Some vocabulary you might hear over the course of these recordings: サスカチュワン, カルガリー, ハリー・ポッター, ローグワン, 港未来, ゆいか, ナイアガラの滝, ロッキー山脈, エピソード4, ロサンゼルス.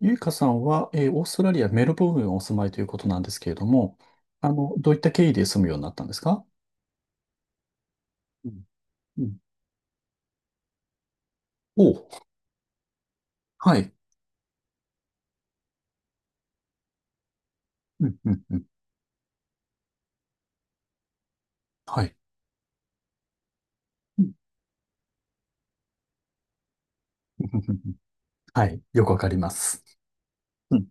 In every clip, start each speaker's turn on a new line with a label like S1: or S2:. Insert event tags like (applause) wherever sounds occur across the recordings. S1: ゆいかさんは、オーストラリア・メルボルンにお住まいということなんですけれども、どういった経緯で住むようになったんですか？うんうんおう、はい。うんうんうんはい。(laughs) うんうんうんうんはい。よくわかります。うん。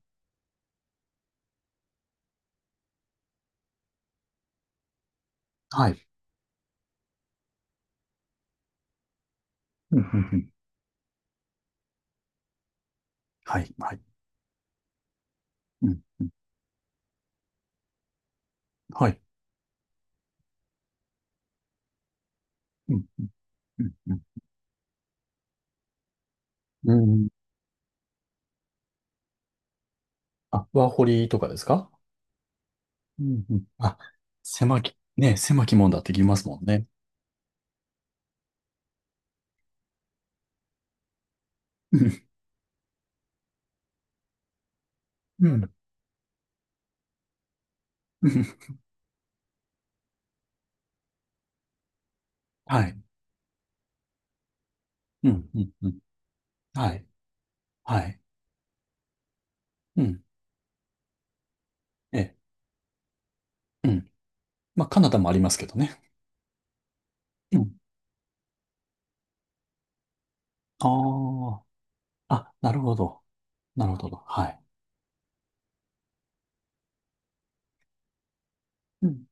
S1: はい。うんうんうんはい。はい。うん。はい。うんうんうんうんあ、ワーホリとかですか？うんうんあ、狭きもんだって言いますもんね。うん。うんうんはい。うんうんうんはい。はい。うん。ええ。まあ、カナダもありますけどね。うん。ああ。あ、なるほど。なるほど。はい。うん。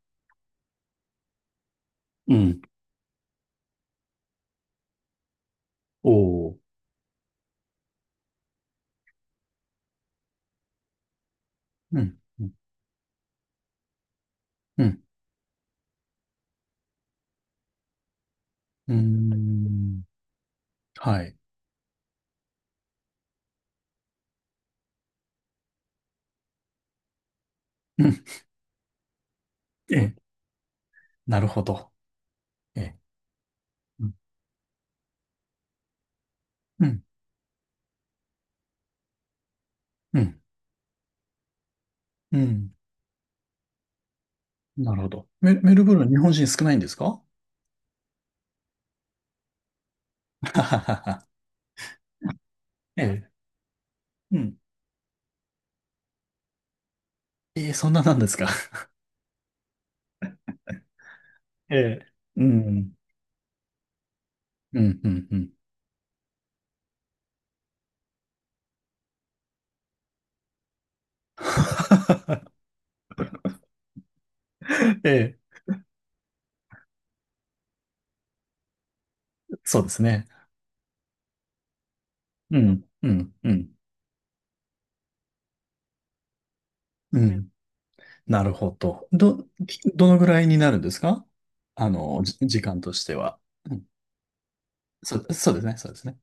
S1: うん。おお。うん。うん。うん。うーん。はい。うん。え、なるほど。え、うん。うん。うん。うん。なるほど。メルブルン、日本人少ないんですか？はははは (laughs) ええ。うん。ええ、そんななんですか？(laughs) ええ。うん。うん。うん。うん。(laughs) ええ。そうですね。うん。うん。うん。うん。なるほど。どのぐらいになるんですか？時間としては。うん、そう、そうですね、そうですね。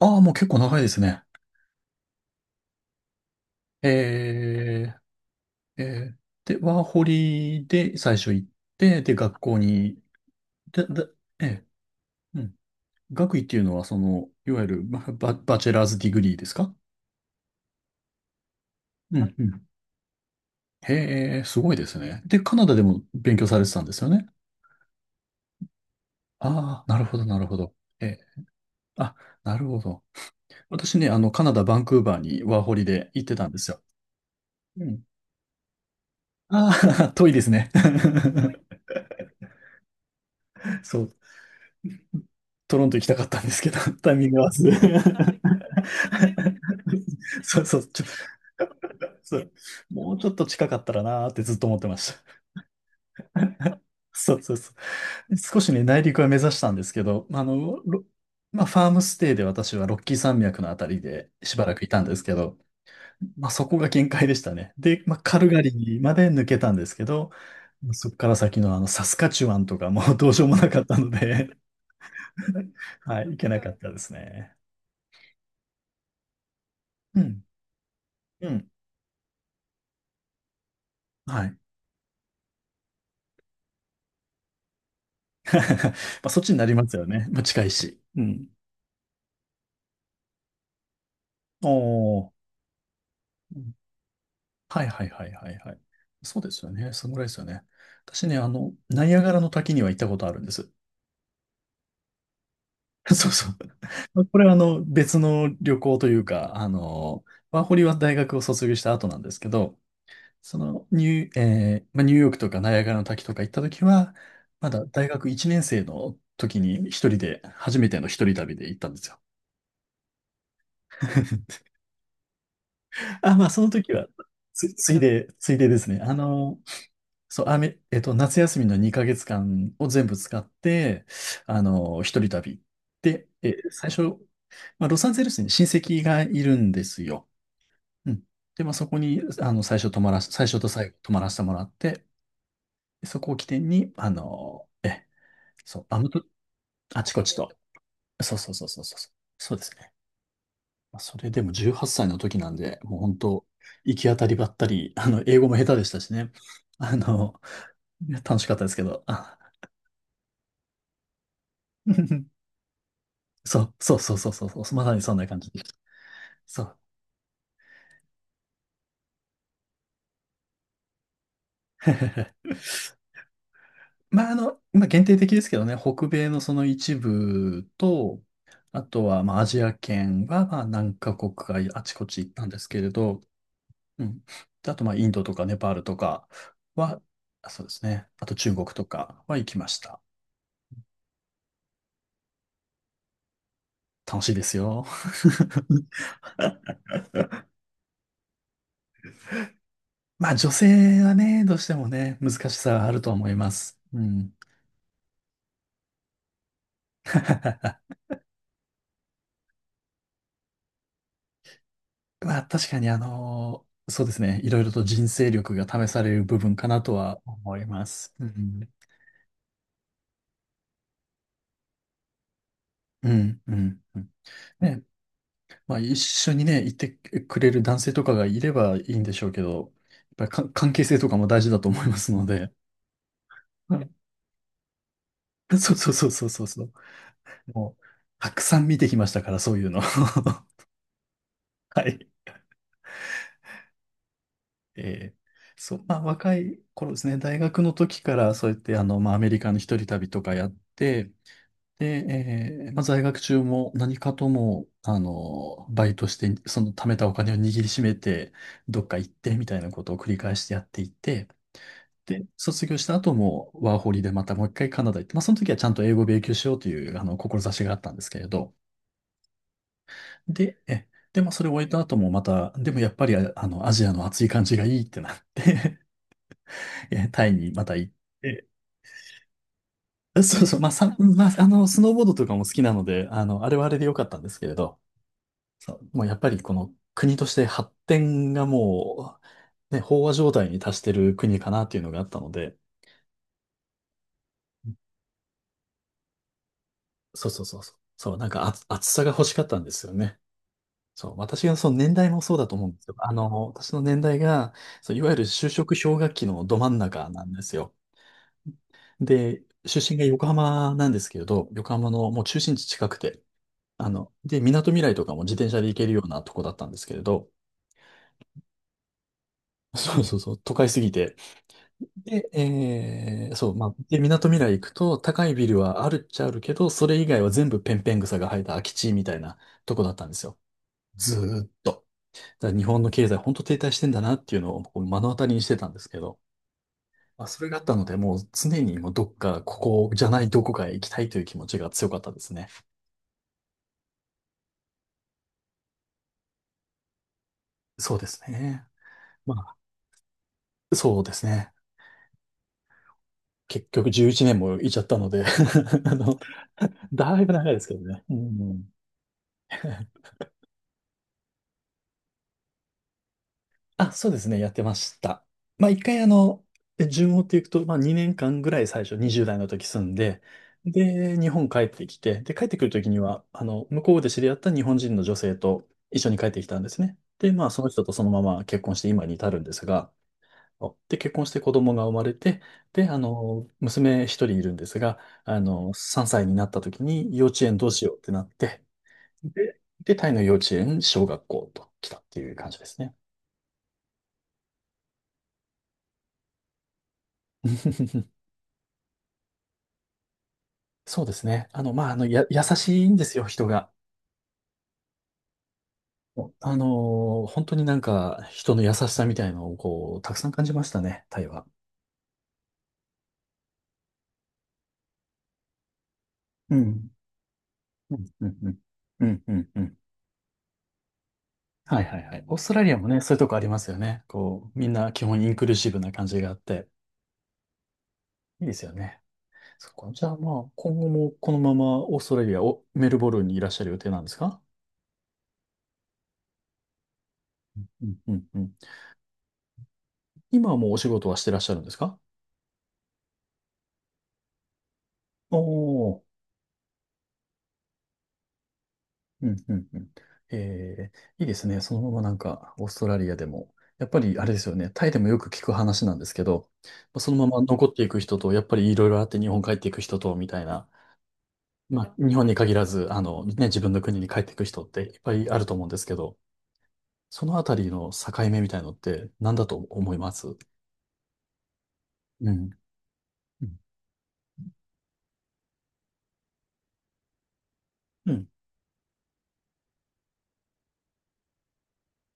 S1: ああ、もう結構長いですね。えー、えー、で、ワーホリで最初行って、で、学校に、で、ええ、うん。学位っていうのは、いわゆるババチェラーズディグリーですか？うん、うん。へえ、すごいですね。で、カナダでも勉強されてたんですよね。ああ、なるほど、なるほど。ええ、あ、なるほど。私ね、カナダ・バンクーバーにワーホリで行ってたんですよ。うん。ああ、(laughs) 遠いですね。(laughs) そう、トロント行きたかったんですけど、(laughs) タイミング合わず。(laughs) そうそう、そう、もうちょっと近かったらなーってずっと思ってました。(laughs) そうそうそう。少しね、内陸は目指したんですけど、まあ、ファームステイで私はロッキー山脈のあたりでしばらくいたんですけど、まあ、そこが限界でしたね。で、まあ、カルガリーまで抜けたんですけど、そこから先のあのサスカチュワンとかもうどうしようもなかったので (laughs) はい、行けなかったですね。うん、うん、はい。(laughs) まあ、そっちになりますよね。まあ、近いし。うん。おー。うんはいはいはいはいはい。そうですよね。そのぐらいですよね。私ね、ナイアガラの滝には行ったことあるんです。(laughs) そうそう。(laughs) まあこれは別の旅行というか、ワーホリは大学を卒業した後なんですけど、そのニュー、えーまあ、ニューヨークとかナイアガラの滝とか行った時は、まだ大学1年生の時に一人で、初めての一人旅で行ったんですよ。(laughs) あ、まあその時は、(laughs) ついでですね。そう、あめ、えっと、夏休みの2ヶ月間を全部使って、一人旅。で、最初、まあ、ロサンゼルスに親戚がいるんですよ。うん。で、まあそこに、最初と最後泊まらせてもらって、そこを起点に、あのそう、あのと、あちこちと。そうそうそうそうそうそう。そうですね。まあ、それでも18歳の時なんで、もう本当、行き当たりばったり、英語も下手でしたしね。あの、いや楽しかったですけど。あ (laughs) そうそうそうそうそうそう、まさにそんな感じでした。そう。(laughs) まあ、今限定的ですけどね、北米のその一部と、あとは、まあ、アジア圏は、まあ、何カ国かあちこち行ったんですけれど、うん。であと、まあ、インドとかネパールとかは、あそうですね。あと、中国とかは行きました。楽しいですよ。(laughs) まあ、女性はね、どうしてもね、難しさはあると思います。うん。(laughs) まあ、確かに、そうですね。いろいろと人生力が試される部分かなとは思います。うん。うん、うん、うん。ね。まあ、一緒にね、行ってくれる男性とかがいればいいんでしょうけど、やっぱりか関係性とかも大事だと思いますので。(laughs) うんそうそうそうそうそうそう。もう、たくさん見てきましたから、そういうの。(laughs) はい。えーそう、まあ、若い頃ですね、大学の時から、そうやって、まあ、アメリカの一人旅とかやって、で、まあ、在学中も何かとも、バイトして、その貯めたお金を握りしめて、どっか行って、みたいなことを繰り返してやっていて、で、卒業した後も、ワーホリでまたもう一回カナダ行って、まあ、その時はちゃんと英語を勉強しようという、志があったんですけれど、で、まあ、それを終えた後もまた、でもやっぱり、アジアの暑い感じがいいってなって (laughs) タイにまた行って、そうそう、まあ、まあ、スノーボードとかも好きなので、あれはあれで良かったんですけれど、そう、もうやっぱりこの国として発展がもう、ね、飽和状態に達してる国かなっていうのがあったので、そうそうそうそう、そう、なんか暑さが欲しかったんですよね。そう、私がその年代もそうだと思うんですよ。私の年代が、そう、いわゆる就職氷河期のど真ん中なんですよ。で、出身が横浜なんですけれど、横浜のもう中心地近くて、で、港未来とかも自転車で行けるようなとこだったんですけれど、(laughs) そうそうそう、都会すぎて。で、そう、まあ、で、港未来行くと、高いビルはあるっちゃあるけど、それ以外は全部ペンペン草が生えた空き地みたいなとこだったんですよ。ずーっと。だから日本の経済、本当停滞してんだなっていうのをこう目の当たりにしてたんですけど、まあ、それがあったので、もう常にもうどっか、ここじゃないどこかへ行きたいという気持ちが強かったですね。そうですね。まあ、そうですね。結局11年もいちゃったので (laughs) あの、だいぶ長いですけどね。うんうんあ、そうですね、やってました。まあ、一回あの、で順を追っていくと、まあ2年間ぐらい最初20代の時住んで、で、日本帰ってきて、で、帰ってくる時には、向こうで知り合った日本人の女性と一緒に帰ってきたんですね。で、まあその人とそのまま結婚して今に至るんですが、で、結婚して子供が生まれて、で、娘一人いるんですが、3歳になった時に幼稚園どうしようってなって、で、タイの幼稚園、小学校と来たっていう感じですね。(laughs) そうですね。まあ、優しいんですよ、人が。本当になんか、人の優しさみたいのを、こう、たくさん感じましたね、タイは。うん。うん、うん、うん。うん、うん、うん。はい、はい、はい。オーストラリアもね、そういうとこありますよね。こう、みんな基本インクルーシブな感じがあって、いいですよね。そっか。じゃあ、まあ、今後もこのままオーストラリアを、メルボルンにいらっしゃる予定なんですか？うん、うん、うん。今はもうお仕事はしてらっしゃるんですか？おおー、うんうんうん。えいいですね。そのままなんか、オーストラリアでも。やっぱりあれですよね。タイでもよく聞く話なんですけど、まあそのまま残っていく人と、やっぱりいろいろあって日本帰っていく人と、みたいな。まあ、日本に限らず、ね、自分の国に帰っていく人っていっぱいあると思うんですけど、そのあたりの境目みたいのって何だと思います？うん。うん。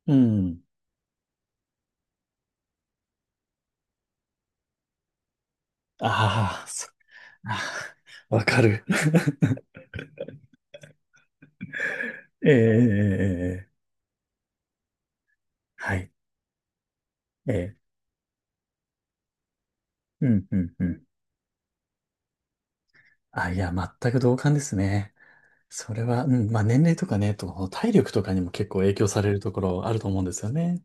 S1: うん。ああ、そあーわかる。(laughs) ええええええ、はい。ええ、うん、うん、うん。あ、いや、全く同感ですね。それは、うん、まあ年齢とかね、と体力とかにも結構影響されるところあると思うんですよね。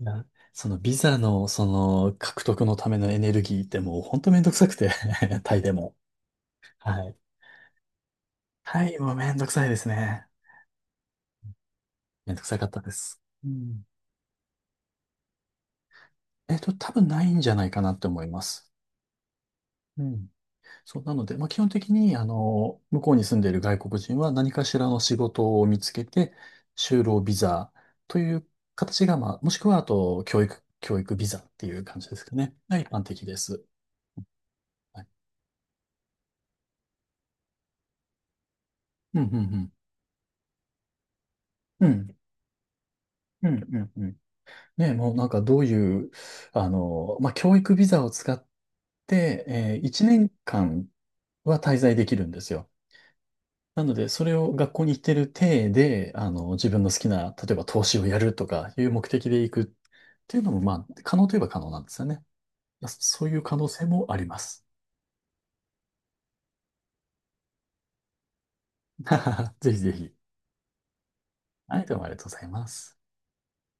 S1: いや、そのビザのその獲得のためのエネルギーってもうほんとめんどくさくて (laughs) タイでも。はい。タイもめんどくさいですね。めんどくさかったです。うん。多分ないんじゃないかなって思います。うん。そう、なので、まあ、基本的に、向こうに住んでいる外国人は何かしらの仕事を見つけて、就労ビザという形が、まあ、もしくは、あと、教育ビザっていう感じですかね。が一般的です。はい。うん、うん、うん。うん、うん、うん、うん。ね、もうなんかどういう、まあ、教育ビザを使って、1年間は滞在できるんですよ。なので、それを学校に行ってる体で、自分の好きな、例えば投資をやるとかいう目的で行くっていうのも、まあ、可能といえば可能なんですよね。そそういう可能性もあります。(laughs) ぜひぜひ。はい、どうもありがとうございます。